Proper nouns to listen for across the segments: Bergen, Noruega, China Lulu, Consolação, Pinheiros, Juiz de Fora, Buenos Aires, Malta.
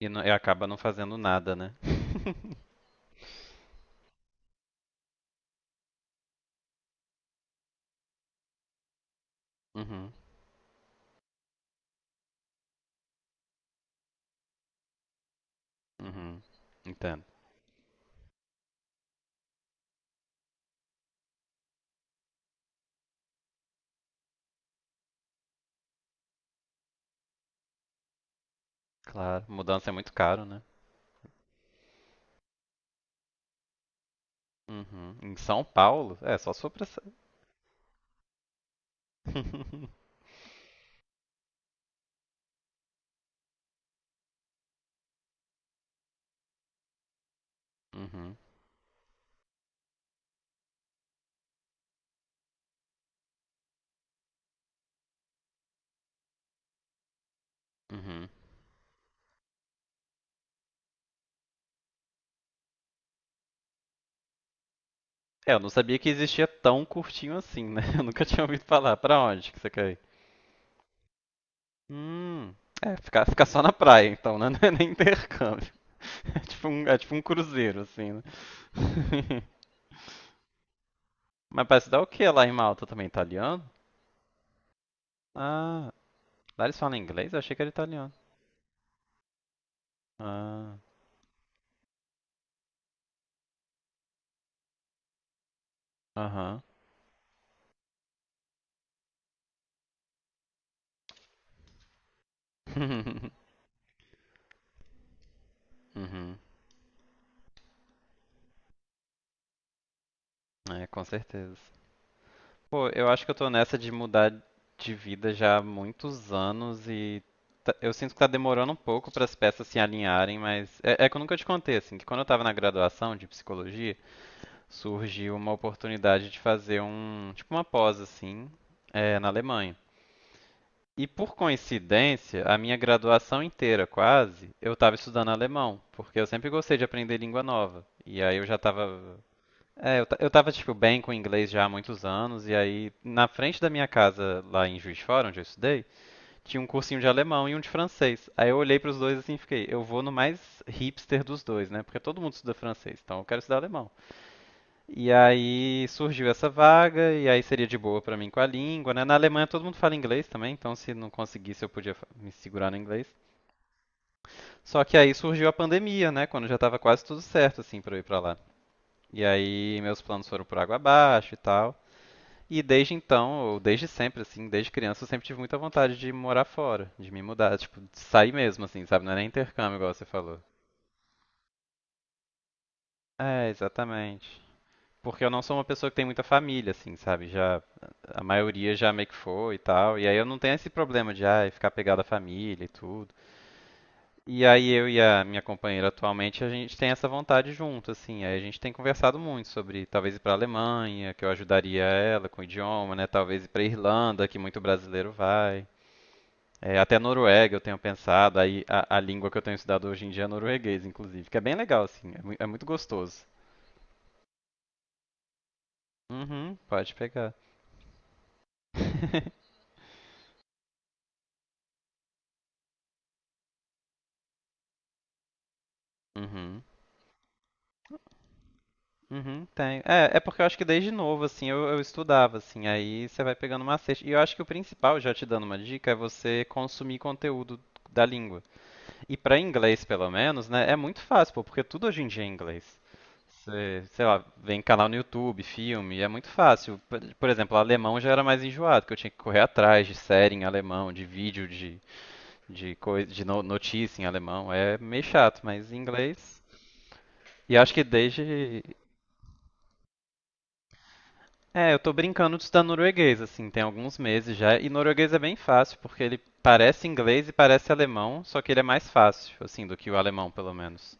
E acaba não fazendo nada, né? Uhum, uhum. Entendo. Claro, mudança é muito caro, né? Uhum. Em São Paulo, é só sobressair. Uhum, uhum. É, eu não sabia que existia tão curtinho assim, né? Eu nunca tinha ouvido falar. Pra onde que você quer ir? Hum, é, ficar, ficar só na praia, então, né? Não é nem intercâmbio. É tipo um cruzeiro, assim, né? Mas parece dar o que lá em Malta também? Italiano? Ah, lá eles falam inglês? Eu achei que era italiano. Ah. Aham. Uhum. É, com certeza. Pô, eu acho que eu tô nessa de mudar de vida já há muitos anos e eu sinto que tá demorando um pouco para as peças se alinharem, mas é que eu nunca te contei, assim, que quando eu tava na graduação de psicologia, surgiu uma oportunidade de fazer tipo uma pós, assim, é, na Alemanha. E por coincidência, a minha graduação inteira, quase, eu estava estudando alemão, porque eu sempre gostei de aprender língua nova. E aí eu já estava. É, eu tava, tipo, bem com inglês já há muitos anos, e aí, na frente da minha casa, lá em Juiz de Fora, onde eu estudei, tinha um cursinho de alemão e um de francês. Aí eu olhei pros dois assim e fiquei, eu vou no mais hipster dos dois, né? Porque todo mundo estuda francês, então eu quero estudar alemão. E aí surgiu essa vaga, e aí seria de boa pra mim com a língua, né? Na Alemanha todo mundo fala inglês também, então se não conseguisse eu podia me segurar no inglês. Só que aí surgiu a pandemia, né? Quando já tava quase tudo certo, assim, pra eu ir pra lá. E aí meus planos foram por água abaixo e tal. E desde então, ou desde sempre, assim, desde criança, eu sempre tive muita vontade de morar fora, de me mudar, tipo, de sair mesmo, assim, sabe? Não é nem intercâmbio, igual você falou. É, exatamente. Porque eu não sou uma pessoa que tem muita família, assim, sabe? Já, a maioria já meio que foi e tal. E aí eu não tenho esse problema de, ai, ficar pegado à família e tudo. E aí eu e a minha companheira atualmente, a gente tem essa vontade junto, assim. Aí a gente tem conversado muito sobre talvez ir pra Alemanha, que eu ajudaria ela com o idioma, né? Talvez ir pra Irlanda, que muito brasileiro vai. É, até Noruega eu tenho pensado, aí a língua que eu tenho estudado hoje em dia é norueguês, inclusive, que é bem legal, assim, é muito gostoso. Uhum, pode pegar. Uhum, uhum, tenho. É porque eu acho que desde novo, assim, eu estudava, assim, aí você vai pegando macete. E eu acho que o principal, já te dando uma dica, é você consumir conteúdo da língua. E para inglês, pelo menos, né, é muito fácil, pô, porque tudo hoje em dia é inglês. Você, sei lá, vem canal no YouTube, filme, é muito fácil. Por exemplo, alemão já era mais enjoado, que eu tinha que correr atrás de série em alemão, de vídeo, de, coisa, de notícia em alemão. É meio chato, mas em inglês. E acho que desde. É, eu tô brincando de estudar norueguês, assim, tem alguns meses já. E norueguês é bem fácil, porque ele parece inglês e parece alemão, só que ele é mais fácil, assim, do que o alemão, pelo menos.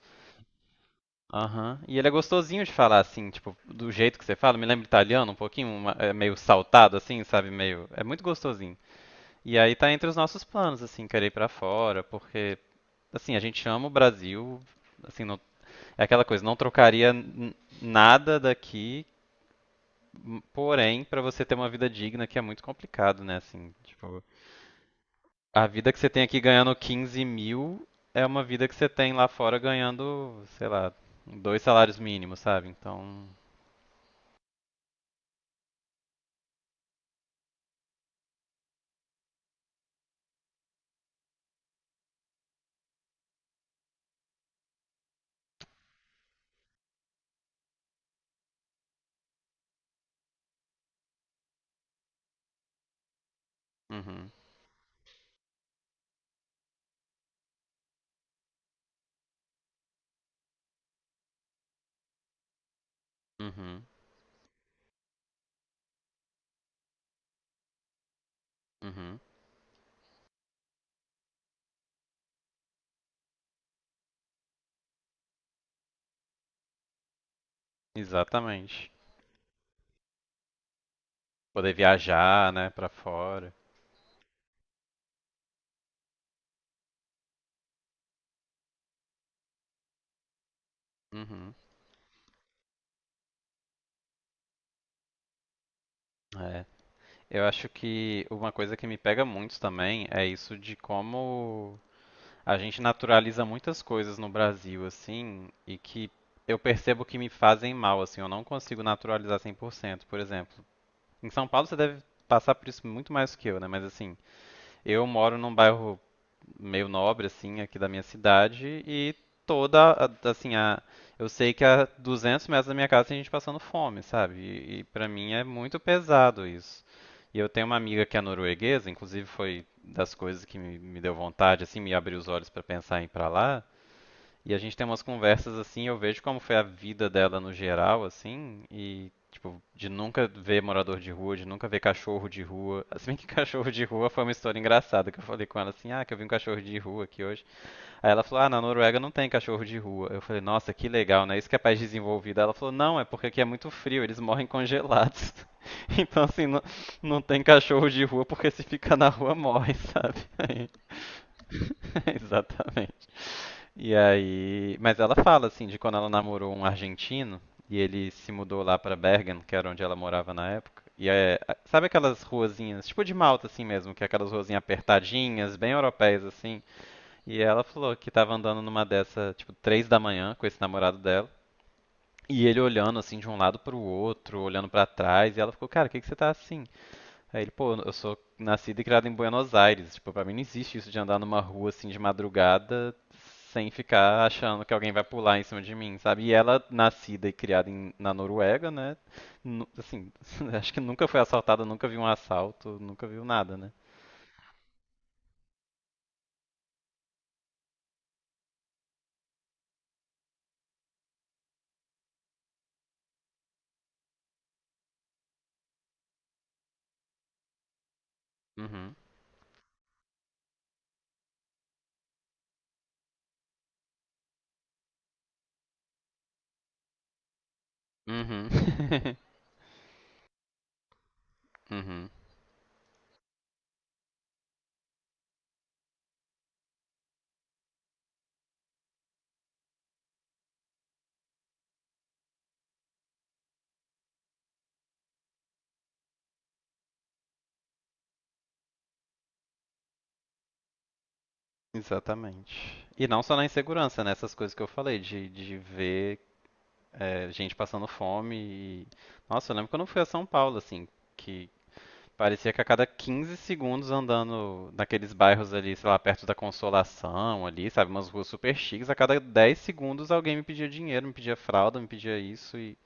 Aham. E ele é gostosinho de falar assim, tipo, do jeito que você fala, me lembra italiano um pouquinho, é meio saltado assim, sabe, meio, é muito gostosinho. E aí tá entre os nossos planos assim, querer ir pra fora, porque assim, a gente ama o Brasil, assim, é aquela coisa, não trocaria nada daqui, porém, pra você ter uma vida digna que é muito complicado, né, assim, tipo, a vida que você tem aqui ganhando 15 mil é uma vida que você tem lá fora ganhando, sei lá, dois salários mínimos, sabe? Então. Uhum, uhum, uhum. Exatamente. Poder viajar, né, pra fora. Uhum. É. Eu acho que uma coisa que me pega muito também é isso de como a gente naturaliza muitas coisas no Brasil, assim, e que eu percebo que me fazem mal, assim, eu não consigo naturalizar 100%. Por exemplo, em São Paulo você deve passar por isso muito mais que eu, né? Mas assim, eu moro num bairro meio nobre assim aqui da minha cidade e assim, a eu sei que a 200 metros da minha casa tem gente passando fome, sabe? E para mim é muito pesado isso. E eu tenho uma amiga que é norueguesa, inclusive foi das coisas que me deu vontade assim, me abriu os olhos para pensar em ir para lá, e a gente tem umas conversas assim, eu vejo como foi a vida dela no geral, assim, e tipo, de nunca ver morador de rua, de nunca ver cachorro de rua. Se bem que cachorro de rua foi uma história engraçada, que eu falei com ela assim, ah, que eu vi um cachorro de rua aqui hoje. Aí ela falou, ah, na Noruega não tem cachorro de rua. Eu falei, nossa, que legal, né? Isso que é país desenvolvido. Ela falou, não, é porque aqui é muito frio, eles morrem congelados. Então, assim, não, não tem cachorro de rua porque se ficar na rua morre, sabe? Exatamente. E aí, mas ela fala assim de quando ela namorou um argentino e ele se mudou lá pra Bergen, que era onde ela morava na época. E é, sabe aquelas ruazinhas, tipo de Malta assim mesmo, que é aquelas ruazinhas apertadinhas, bem europeias assim. E ela falou que tava andando numa dessa, tipo, 3 da manhã com esse namorado dela. E ele olhando assim de um lado pro outro, olhando pra trás, e ela ficou, cara, o que que você tá assim? Aí ele, pô, eu sou nascido e criado em Buenos Aires. Tipo, pra mim não existe isso de andar numa rua assim de madrugada sem ficar achando que alguém vai pular em cima de mim, sabe? E ela, nascida e criada na Noruega, né? Assim, acho que nunca foi assaltada, nunca viu um assalto, nunca viu nada, né? Uhum. Uhum. Uhum. Exatamente. E não só na insegurança, né? Essas coisas que eu falei, de ver é, gente passando fome. E... Nossa, eu lembro quando eu fui a São Paulo, assim, que parecia que a cada 15 segundos andando naqueles bairros ali, sei lá, perto da Consolação ali, sabe, umas ruas super chiques, a cada 10 segundos alguém me pedia dinheiro, me pedia fralda, me pedia isso e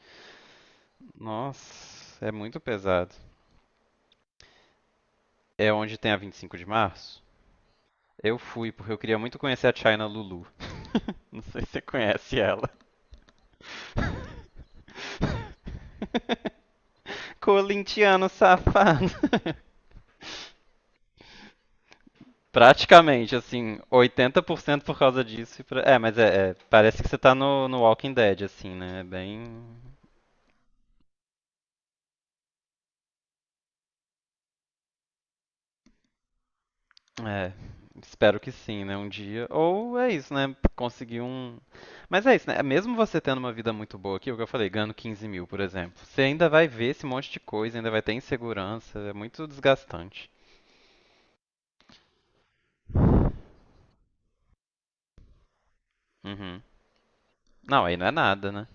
nossa, é muito pesado. É onde tem a 25 de Março? Eu fui porque eu queria muito conhecer a China Lulu. Não sei se você conhece ela. Corintiano safado. Praticamente, assim, 80% por cento por causa disso. É, mas é, parece que você tá no Walking Dead, assim, né? É bem. É, espero que sim, né? Um dia. Ou é isso, né? Conseguir um. Mas é isso, né? Mesmo você tendo uma vida muito boa aqui, é o que eu falei, ganhando 15 mil, por exemplo, você ainda vai ver esse monte de coisa, ainda vai ter insegurança, é muito desgastante. Uhum. Não, aí não é nada, né?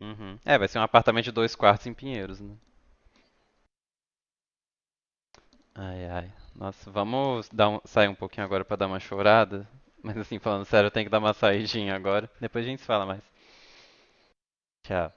Uhum. É, vai ser um apartamento de dois quartos em Pinheiros, né? Ai, ai. Nossa, vamos sair um pouquinho agora pra dar uma chorada? Mas assim, falando sério, eu tenho que dar uma saidinha agora. Depois a gente se fala mais. Tchau.